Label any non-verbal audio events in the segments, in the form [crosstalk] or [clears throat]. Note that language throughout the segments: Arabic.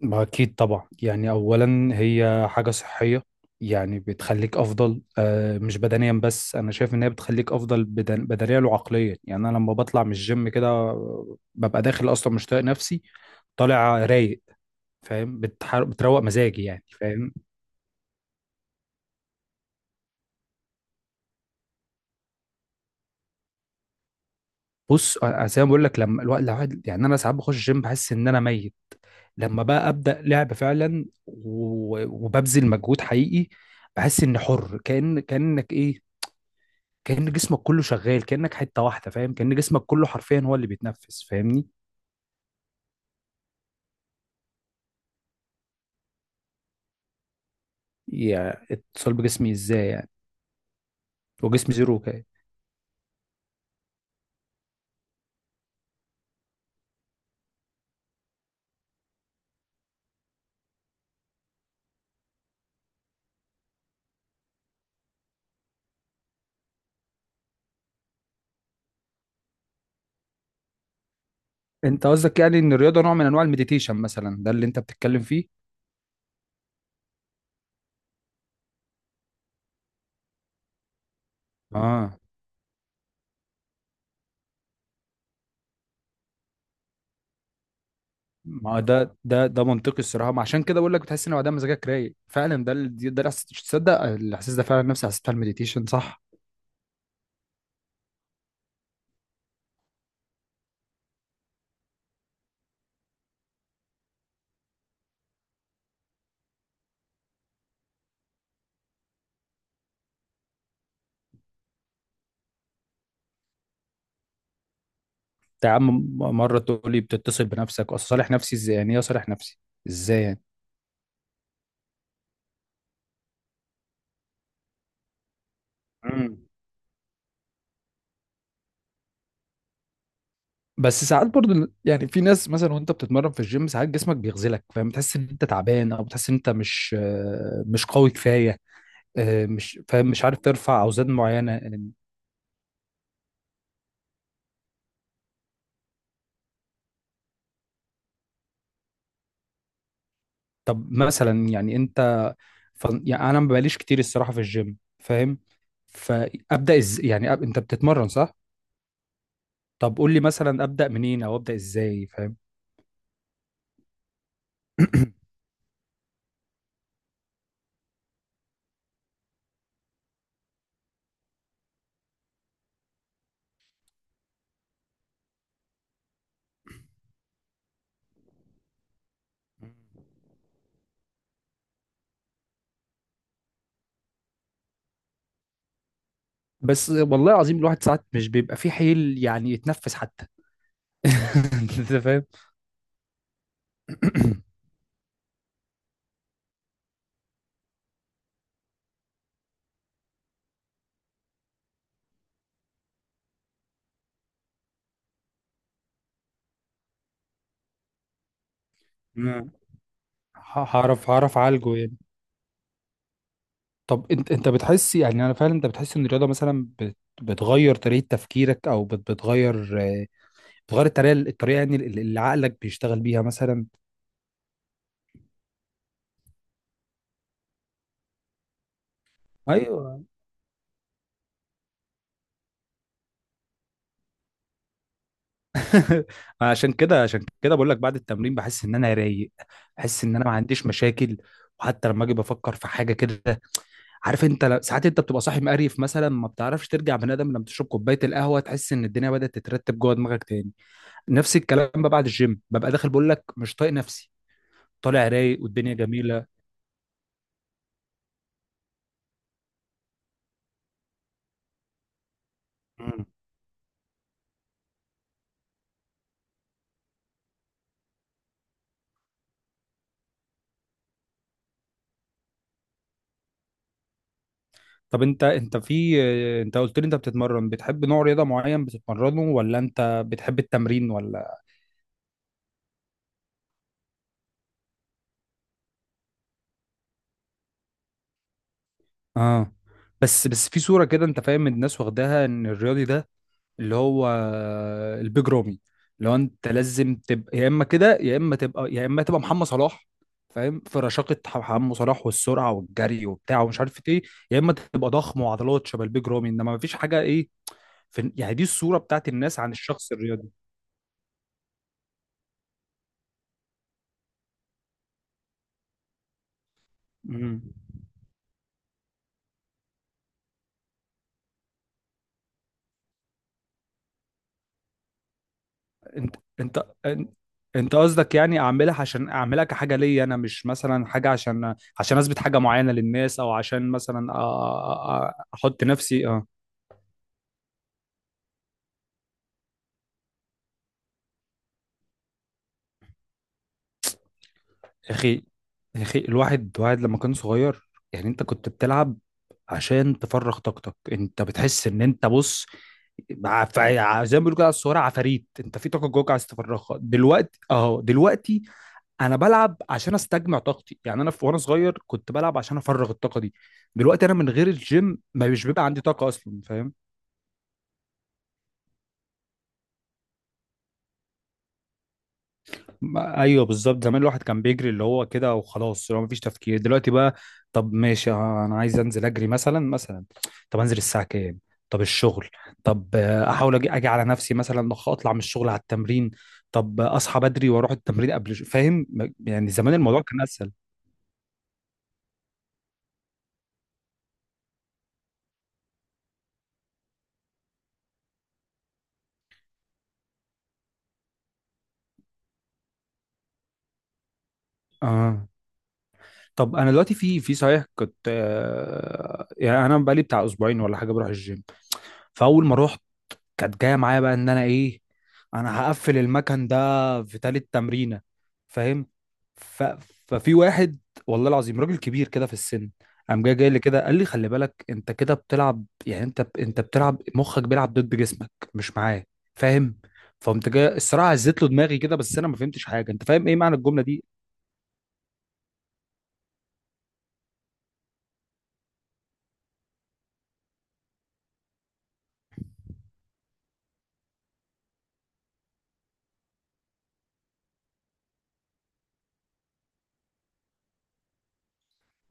ما أكيد طبعا، يعني أولا هي حاجة صحية. يعني بتخليك أفضل، مش بدنيا بس، أنا شايف إن هي بتخليك أفضل بدنيا وعقليا. يعني أنا لما بطلع من الجيم كده ببقى داخل أصلا مش طايق نفسي، طالع رايق. فاهم؟ بتروق مزاجي، يعني فاهم. بص، أنا زي ما بقول لك لما الوقت الواحد، يعني أنا ساعات بخش الجيم بحس إن أنا ميت، لما بقى أبدأ لعب فعلا وببذل مجهود حقيقي، بحس إني حر. كأنك إيه، كأن جسمك كله شغال، كأنك حتة واحدة. فاهم؟ كأن جسمك كله حرفيا هو اللي بيتنفس. فاهمني؟ يعني اتصال بجسمي ازاي؟ يعني وجسمي زيرو كده. انت قصدك يعني ان الرياضة نوع من انواع المديتيشن مثلا؟ ده اللي انت بتتكلم فيه؟ اه. ما ده منطقي الصراحة. ما عشان كده بقول لك بتحس ان بعدها مزاجك رايق فعلا. ده الإحساس. تصدق الاحساس ده فعلا نفسي حسيت على المديتيشن؟ صح. انت يا عم مرة تقول لي بتتصل بنفسك، اصل صالح نفسي ازاي؟ يعني ايه اصالح نفسي؟ ازاي؟ يعني. بس ساعات برضو يعني في ناس مثلا وانت بتتمرن في الجيم ساعات جسمك بيغزلك، فاهم؟ تحس ان انت تعبان او بتحس ان انت مش مش قوي كفايه. مش فاهم، مش عارف ترفع اوزان معينه طب مثلا يعني انت، يعني انا ما بقاليش كتير الصراحه في الجيم فاهم، يعني انت بتتمرن صح؟ طب قول لي مثلا ابدا منين او ابدا ازاي؟ فاهم؟ بس والله العظيم الواحد ساعات مش بيبقى فيه حيل يعني يتنفس حتى. [laughs] انت فاهم. [clears throat] هعرف، هعرف اعالجه يعني. طب انت، انت بتحس، يعني انا فعلا انت بتحس ان الرياضه مثلا بتغير طريقه تفكيرك، او بتغير بتغير الطريقه، يعني اللي عقلك بيشتغل بيها مثلا؟ ايوه. [laughs] عشان كده، عشان كده بقول لك بعد التمرين بحس ان انا رايق، بحس ان انا ما عنديش مشاكل. وحتى لما اجي بفكر في حاجه كده، عارف انت، ساعات انت بتبقى صاحي مقريف مثلا، ما بتعرفش ترجع بني ادم، لما تشرب كوبايه القهوه تحس ان الدنيا بدات تترتب جوه دماغك تاني. نفس الكلام بقى بعد الجيم. ببقى داخل بقول لك مش طايق نفسي، طالع رايق والدنيا جميله. مم. طب انت، انت في انت قلت لي انت بتتمرن، بتحب نوع رياضه معين بتتمرنه ولا انت بتحب التمرين ولا؟ اه. بس، بس في صوره كده انت فاهم، الناس واخداها ان الرياضي ده اللي هو البيج رامي، لو انت لازم تبقى يا اما كده، يا اما تبقى محمد صلاح، فاهم؟ في رشاقه محمد صلاح والسرعه والجري وبتاع ومش عارف ايه، يا اما تبقى ضخم وعضلات شبه البيج رامي. انما مفيش حاجه ايه، في، يعني دي الصوره بتاعت الناس عن الشخص الرياضي. مم. انت، انت انت قصدك يعني اعملها عشان اعملها كحاجه ليا انا، مش مثلا حاجه عشان، عشان اثبت حاجه معينه للناس، او عشان مثلا احط نفسي. اه. يا اخي، يا اخي الواحد، لما كان صغير، يعني انت كنت بتلعب عشان تفرغ طاقتك. انت بتحس ان انت بص، زي ما بيقولوا كده على الصوره عفاريت، انت في طاقه جواك عايز تفرغها دلوقتي اهو دلوقتي. انا بلعب عشان استجمع طاقتي، يعني انا، في وانا صغير كنت بلعب عشان افرغ الطاقه دي، دلوقتي انا من غير الجيم ما مش بيبقى عندي طاقه اصلا. فاهم؟ ما- ايوه، بالظبط. زمان الواحد كان بيجري اللي هو كده وخلاص، اللي هو مفيش تفكير. دلوقتي بقى طب ماشي انا عايز انزل اجري مثلا، مثلا طب انزل الساعه كام؟ طب الشغل، طب احاول اجي، اجي على نفسي مثلا، اطلع من الشغل على التمرين، طب اصحى بدري واروح التمرين قبل فاهم؟ يعني زمان الموضوع كان اسهل. اه. طب انا دلوقتي في، في صحيح كنت يعني انا بقالي بتاع اسبوعين ولا حاجه بروح الجيم. فاول ما رحت كانت جايه معايا بقى ان انا ايه، انا هقفل المكان ده في تالت تمرينه. فاهم؟ ف... ففي واحد، والله العظيم راجل كبير كده في السن، قام جاي لي كده قال لي خلي بالك انت كده بتلعب، يعني انت بتلعب مخك بيلعب ضد جسمك مش معاه. فاهم؟ فقمت جاي الصراحه هزيت له دماغي كده، بس انا ما فهمتش حاجه. انت فاهم ايه معنى الجمله دي؟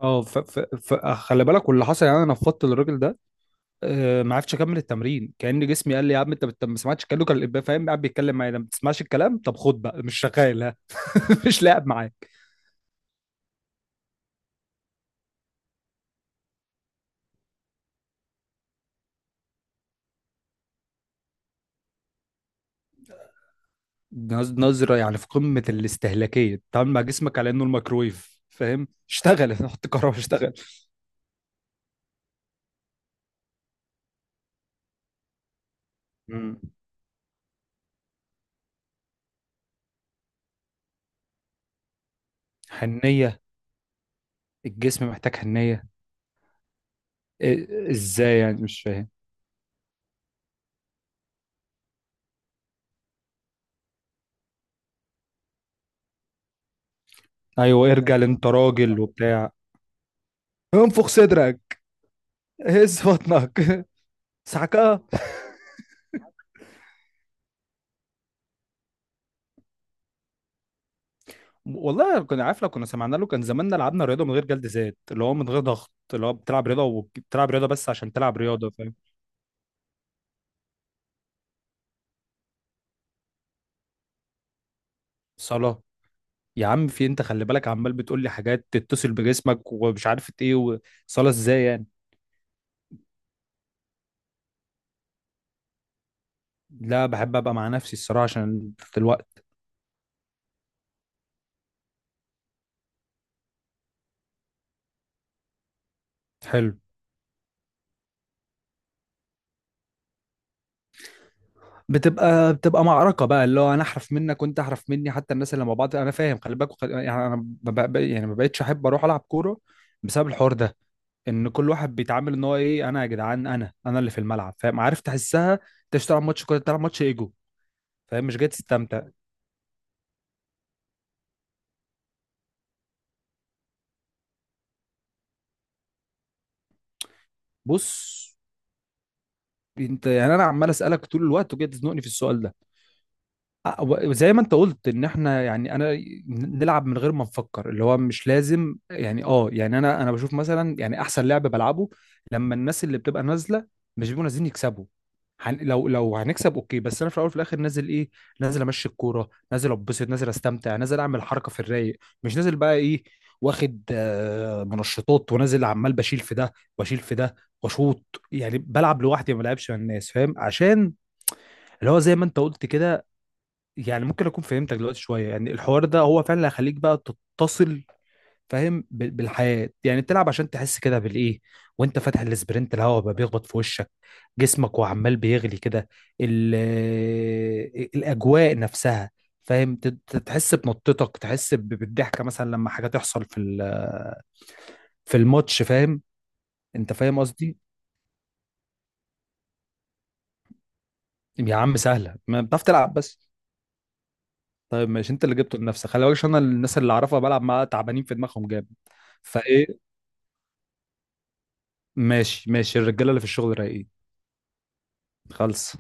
اه خلي بالك. واللي حصل يعني انا نفضت الراجل ده. آه، ما عرفتش اكمل التمرين. كأن جسمي قال لي يا عم انت ما سمعتش كلامه. كان الابا فاهم قاعد بيتكلم معايا ما بتسمعش الكلام، طب خد بقى مش شغال ها. [laughs] مش لاعب معاك. نظرة يعني في قمة الاستهلاكية، تعامل مع جسمك على انه الميكرويف، فاهم؟ اشتغل. [laughs] حط كهرباء، اشتغل. مم. حنية. الجسم محتاج حنية؟ إيه، ازاي يعني؟ مش فاهم. ايوه ارجع، لأن انت راجل وبتاع، انفخ صدرك، هز بطنك. [laughs] سعكها. والله كنا عارف، لو كنا سمعنا له كان زماننا لعبنا رياضه من غير جلد ذات، اللي هو من غير ضغط، اللي هو بتلعب رياضه وبتلعب رياضه بس عشان تلعب رياضه. فاهم؟ صلاه. يا عم في إيه؟ انت خلي بالك عمال بتقول لي حاجات تتصل بجسمك ومش عارف ايه، وصلاه ازاي يعني؟ لا، بحب ابقى مع نفسي الصراحه، عشان في الوقت. حلو. بتبقى معركه بقى، اللي هو انا احرف منك وانت احرف مني، حتى الناس اللي مع بعض انا فاهم خلي بالك. يعني انا ما بق- يعني ما بقتش احب اروح العب كوره، بسبب الحوار ده، ان كل واحد بيتعامل ان هو ايه، انا يا جدعان، انا اللي في الملعب. فاهم؟ عارف، تحسها انت مش تلعب ماتش كوره، تلعب ماتش ايجو. فاهم؟ مش جاي تستمتع. بص، انت يعني انا عمال اسالك طول الوقت وجاي تزنقني في السؤال ده. وزي ما انت قلت ان احنا يعني انا، نلعب من غير ما نفكر، اللي هو مش لازم يعني، اه يعني انا بشوف مثلا، يعني احسن لعب بلعبه لما الناس اللي بتبقى نازله مش بيبقوا نازلين يكسبوا، لو، لو هنكسب اوكي، بس انا في الاول وفي الاخر نازل ايه، نازل امشي الكوره، نازل اتبسط، نازل استمتع، نازل اعمل حركه في الرايق، مش نازل بقى ايه واخد منشطات ونازل عمال بشيل في ده، واشيل في ده، واشوط. يعني بلعب لوحدي، ما بلعبش مع الناس. فاهم؟ عشان اللي هو زي ما انت قلت كده، يعني ممكن اكون فهمتك دلوقتي شويه، يعني الحوار ده هو فعلا اللي هيخليك بقى تتصل، فاهم؟ بالحياه، يعني تلعب عشان تحس كده بالايه، وانت فاتح الاسبرنت الهواء بقى بيخبط في وشك، جسمك وعمال بيغلي كده، ال- الاجواء نفسها، فاهم؟ تحس بنطتك، تحس بالضحكه مثلا لما حاجه تحصل في في الماتش. فاهم؟ انت فاهم قصدي. يا عم سهله، ما بتعرف تلعب بس. طيب ماشي، انت اللي جبته لنفسك خلي بالك، عشان انا الناس اللي اعرفها بلعب معاها تعبانين في دماغهم جامد. فايه؟ ماشي ماشي، الرجاله اللي في الشغل رايقين. خلص.